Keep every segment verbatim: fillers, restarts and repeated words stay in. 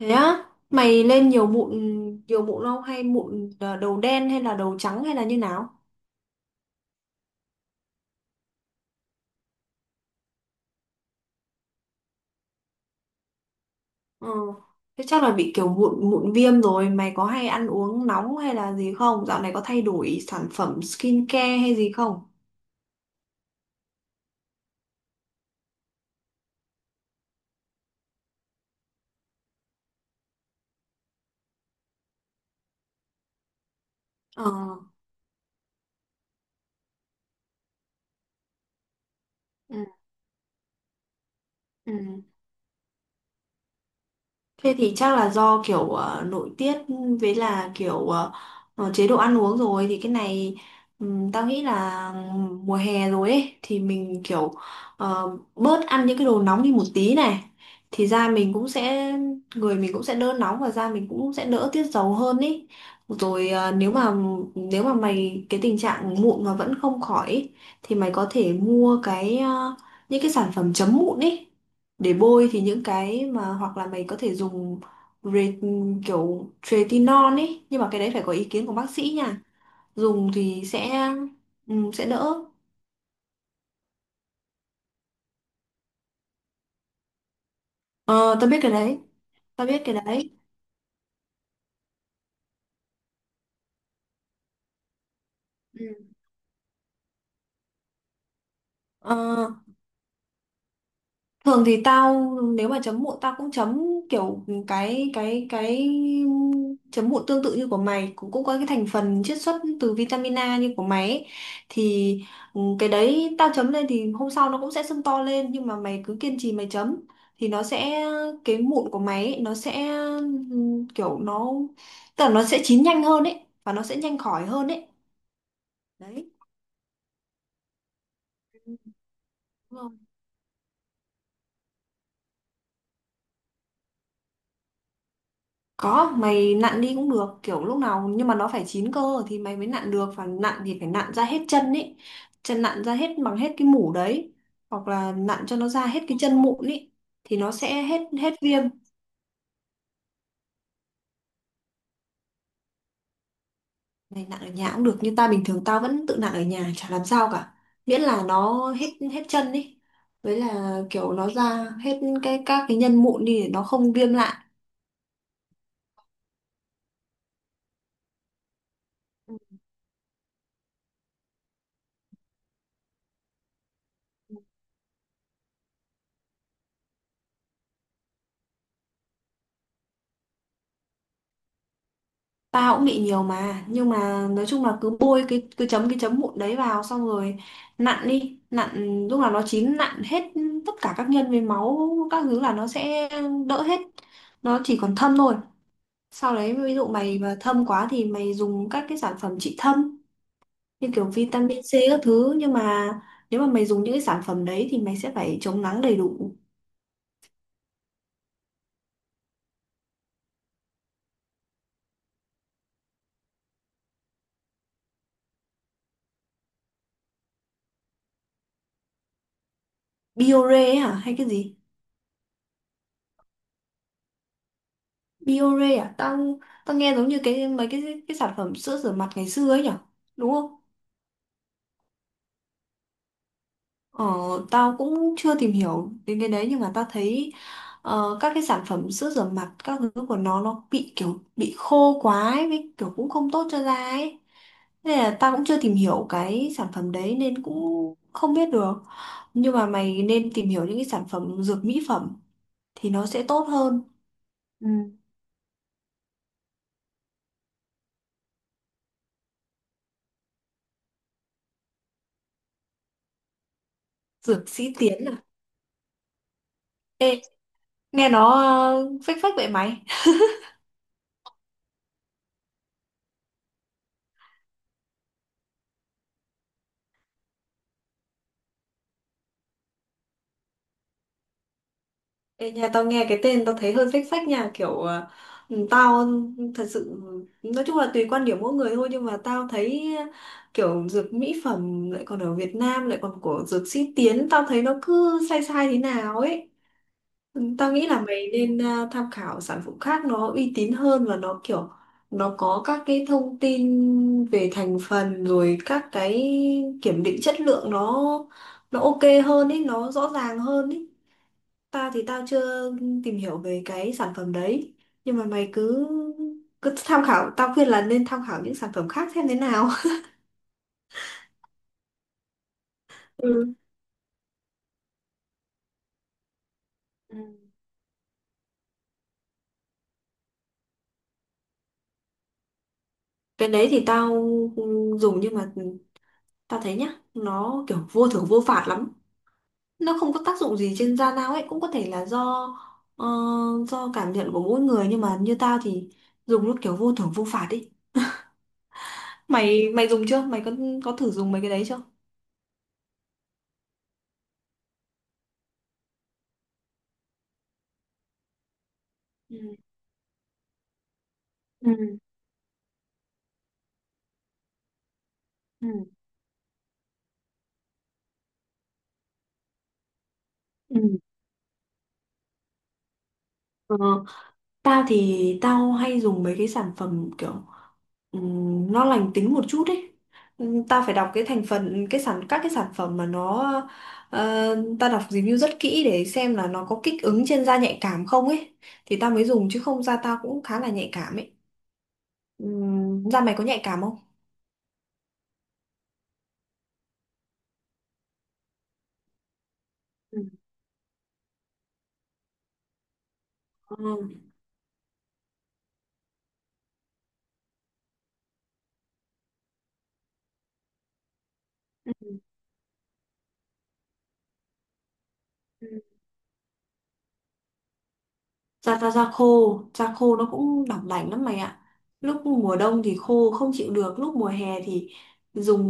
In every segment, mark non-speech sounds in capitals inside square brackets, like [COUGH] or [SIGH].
Thế á, mày lên nhiều mụn nhiều mụn không hay mụn à, đầu đen hay là đầu trắng hay là như nào? Ừ. Thế chắc là bị kiểu mụn mụn viêm rồi, mày có hay ăn uống nóng hay là gì không? Dạo này có thay đổi sản phẩm skincare hay gì không? Ờ. Ừ. Ừ. Thế thì chắc là do kiểu ờ, nội tiết, với là kiểu ờ, ờ, chế độ ăn uống, rồi thì cái này ừm, tao nghĩ là mùa hè rồi ấy thì mình kiểu ờ, bớt ăn những cái đồ nóng đi một tí này thì da mình cũng sẽ, người mình cũng sẽ đỡ nóng và da mình cũng sẽ đỡ tiết dầu hơn ý. Rồi ờ, nếu mà nếu mà mày cái tình trạng mụn mà vẫn không khỏi ý, thì mày có thể mua cái ờ, những cái sản phẩm chấm mụn ý để bôi, thì những cái mà hoặc là mày có thể dùng re, kiểu retinol ấy, nhưng mà cái đấy phải có ý kiến của bác sĩ nha. Dùng thì sẽ ừm, sẽ đỡ. ờ, Tao biết cái đấy. tao biết cái đấy Ừ. Ờ, thường thì tao nếu mà chấm mụn tao cũng chấm kiểu cái cái cái chấm mụn tương tự như của mày, cũng cũng có cái thành phần chiết xuất từ vitamin A như của mày ấy. Thì ừ, cái đấy tao chấm lên thì hôm sau nó cũng sẽ sưng to lên, nhưng mà mày cứ kiên trì mày chấm thì nó sẽ, cái mụn của mày ấy, nó sẽ ừ, kiểu nó tức là nó sẽ chín nhanh hơn ấy và nó sẽ nhanh khỏi hơn ấy, đấy. Đúng. Có, mày nặn đi cũng được, kiểu lúc nào nhưng mà nó phải chín cơ thì mày mới nặn được, và nặn thì phải nặn ra hết chân ấy. Chân nặn ra hết, bằng hết cái mủ đấy, hoặc là nặn cho nó ra hết cái chân mụn ấy thì nó sẽ hết hết viêm. Mày nặn ở nhà cũng được, như ta bình thường tao vẫn tự nặn ở nhà chả làm sao cả. Miễn là nó hết hết chân ấy. Với là kiểu nó ra hết cái các cái nhân mụn đi để nó không viêm lại. Tao cũng bị nhiều mà, nhưng mà nói chung là cứ bôi cái, cứ chấm cái chấm mụn đấy vào xong rồi nặn đi, nặn lúc nào nó chín, nặn hết tất cả các nhân với máu các thứ là nó sẽ đỡ hết, nó chỉ còn thâm thôi. Sau đấy ví dụ mày mà thâm quá thì mày dùng các cái sản phẩm trị thâm như kiểu vitamin C các thứ, nhưng mà nếu mà mày dùng những cái sản phẩm đấy thì mày sẽ phải chống nắng đầy đủ. Biore ấy hả hay cái gì? Biore à? Tao tao nghe giống như cái mấy cái cái sản phẩm sữa rửa mặt ngày xưa ấy nhở? Đúng không? Ờ, tao cũng chưa tìm hiểu đến cái đấy, nhưng mà tao thấy ờ, các cái sản phẩm sữa rửa mặt các thứ của nó nó bị kiểu bị khô quá ấy, với kiểu cũng không tốt cho da ấy. Nên là tao cũng chưa tìm hiểu cái sản phẩm đấy nên cũng không biết được. Nhưng mà mày nên tìm hiểu những cái sản phẩm dược mỹ phẩm thì nó sẽ tốt hơn. Ừ. Dược sĩ Tiến à? Ê, nghe nó ờ, phách phách vậy mày. Ê, nhà tao nghe cái tên tao thấy hơi phách phách nha, kiểu ờ, ừ, tao thật sự nói chung là tùy quan điểm mỗi người thôi, nhưng mà tao thấy kiểu dược mỹ phẩm lại còn ở Việt Nam, lại còn của dược sĩ Tiến, tao thấy nó cứ sai sai thế nào ấy. Tao nghĩ là mày nên à, tham khảo sản phẩm khác, nó uy tín hơn và nó kiểu nó có các cái thông tin về thành phần, rồi các cái kiểm định chất lượng, nó nó ok hơn ấy, nó rõ ràng hơn ấy. Tao thì tao chưa tìm hiểu về cái sản phẩm đấy. Nhưng mà mày cứ cứ tham khảo, tao khuyên là nên tham khảo những sản phẩm khác xem thế nào. [LAUGHS] Ừ. Ừ. Cái đấy thì tao dùng, nhưng mà tao thấy nhá, nó kiểu vô thưởng vô phạt lắm, nó không có tác dụng gì trên da dao ấy. Cũng có thể là do ờ, do cảm nhận của mỗi người, nhưng mà như tao thì dùng lúc kiểu vô thưởng vô phạt ấy. Mày mày dùng chưa, mày có có thử dùng mấy cái đấy chưa? Ừ, ừ, ừ, ừ. Ờ, tao thì tao hay dùng mấy cái sản phẩm kiểu ừm, nó lành tính một chút ấy. Ừm, Tao phải đọc cái thành phần cái sản các cái sản phẩm, mà nó ờ, tao đọc review rất kỹ để xem là nó có kích ứng trên da nhạy cảm không ấy, thì tao mới dùng, chứ không da tao cũng khá là nhạy cảm ấy. Ừm, da mày có nhạy cảm không? Ừ. Ừ. da da da khô da khô nó cũng đỏng đảnh lắm mày ạ. Lúc mùa đông thì khô không chịu được, lúc mùa hè thì dùng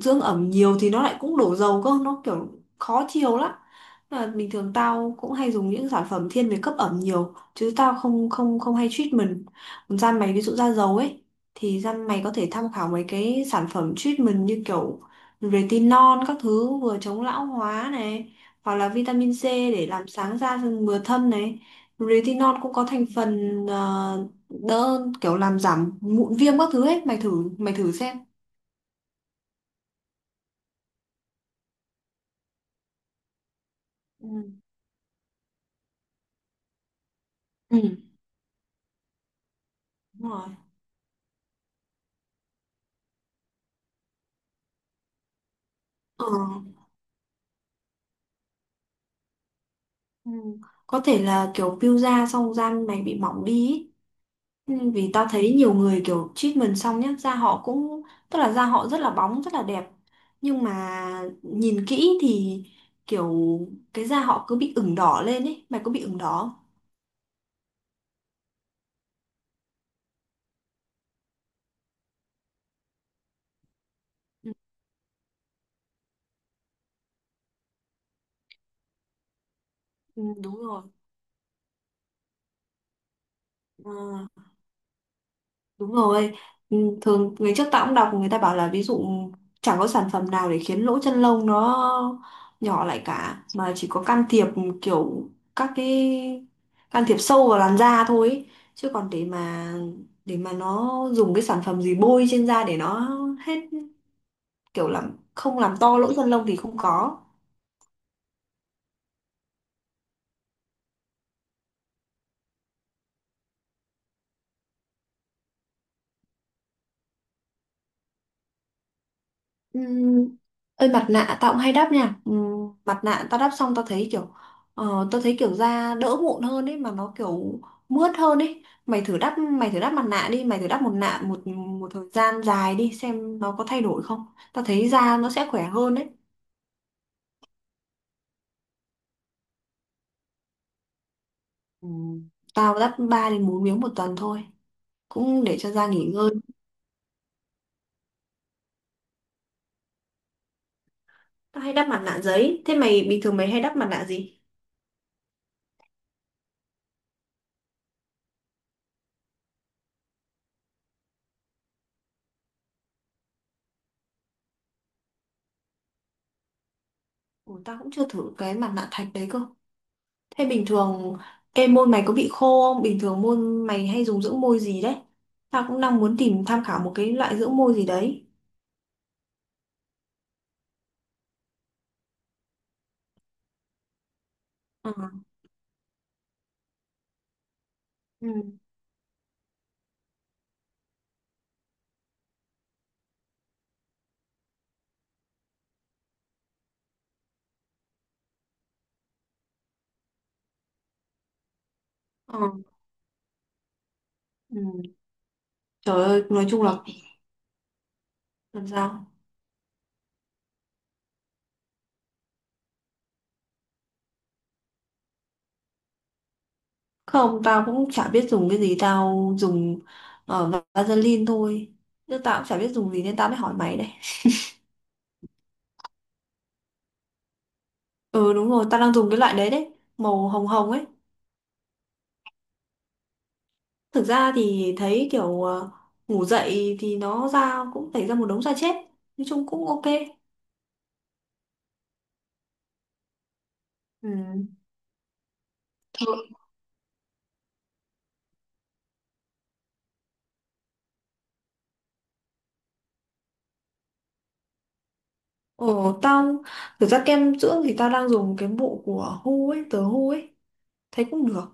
dưỡng ẩm nhiều thì nó lại cũng đổ dầu cơ, nó kiểu khó chịu lắm. Nên là bình thường tao cũng hay dùng những sản phẩm thiên về cấp ẩm nhiều, chứ tao không không không hay treatment. Còn da mày ví dụ da dầu ấy, thì da mày có thể tham khảo mấy cái sản phẩm treatment như kiểu retinol các thứ, vừa chống lão hóa này, hoặc là vitamin C để làm sáng da mừa thâm này. Retinol cũng có thành phần ờ, đỡ kiểu làm giảm mụn viêm các thứ ấy, mày thử mày thử xem. Ừ. Ừ, đúng rồi. Ờ, ừ có thể là kiểu peel da xong da mày bị mỏng đi ý. Ừ, vì tao thấy nhiều người kiểu treatment xong nhá, da họ cũng, tức là da họ rất là bóng, rất là đẹp. Nhưng mà nhìn kỹ thì kiểu cái da họ cứ bị ửng đỏ lên ấy, mày có bị ửng đỏ không? Ừ, ừ, đúng rồi. Ờ, đúng rồi, ừ, thường ngày trước tao cũng đọc người ta bảo là ví dụ chẳng có sản phẩm nào để khiến lỗ chân lông nó nhỏ lại cả, mà chỉ có can thiệp kiểu các cái, can thiệp sâu vào làn da thôi ấy. Chứ còn để mà để mà nó dùng cái sản phẩm gì bôi trên da để nó hết, kiểu làm không làm to lỗ chân lông thì không có. Ừm, Ơi mặt nạ tao cũng hay đắp nha. Ừm, mặt nạ tao đắp xong tao thấy kiểu ờ, tao thấy kiểu da đỡ mụn hơn ấy, mà nó kiểu mướt hơn ấy. Mày thử đắp mày thử đắp mặt nạ đi, mày thử đắp một nạ một một thời gian dài đi xem nó có thay đổi không. Tao thấy da nó sẽ khỏe hơn đấy. Ừm, Tao đắp ba đến bốn miếng một tuần thôi, cũng để cho da nghỉ ngơi. Tao hay đắp mặt nạ giấy. Thế mày bình thường mày hay đắp mặt nạ gì? Ủa, tao cũng chưa thử cái mặt nạ thạch đấy cơ. Thế bình thường em môn mày có bị khô không? Bình thường môn mày hay dùng dưỡng môi gì đấy? Tao cũng đang muốn tìm tham khảo một cái loại dưỡng môi gì đấy. Ờ. Ừ. Ờ. Ừ. Trời ơi, nói chung là làm sao? Không, tao cũng chả biết dùng cái gì, tao dùng uh, Vaseline thôi. Nhưng tao cũng chả biết dùng gì nên tao mới hỏi mày đây. Ừ, đúng rồi, tao đang dùng cái loại đấy đấy, màu hồng hồng ấy. Thực ra thì thấy kiểu ờ, ngủ dậy thì nó ra cũng tẩy ra một đống da chết. Nói chung cũng ok. Ừ. Ồ, tao thực ra kem dưỡng thì tao đang dùng cái bộ của Hu ấy, tờ Hu ấy, thấy cũng được,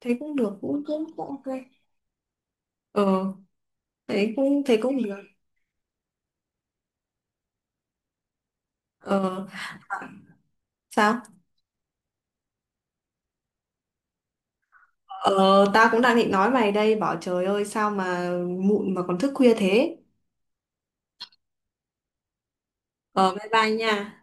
thấy cũng được, cũng cũng cũng ok. Ờ, thấy cũng thấy cũng được. Ờ, à, Sao? Ờ, tao cũng đang định nói mày đây, bảo trời ơi sao mà mụn mà còn thức khuya thế. Ờ, bye bye nha.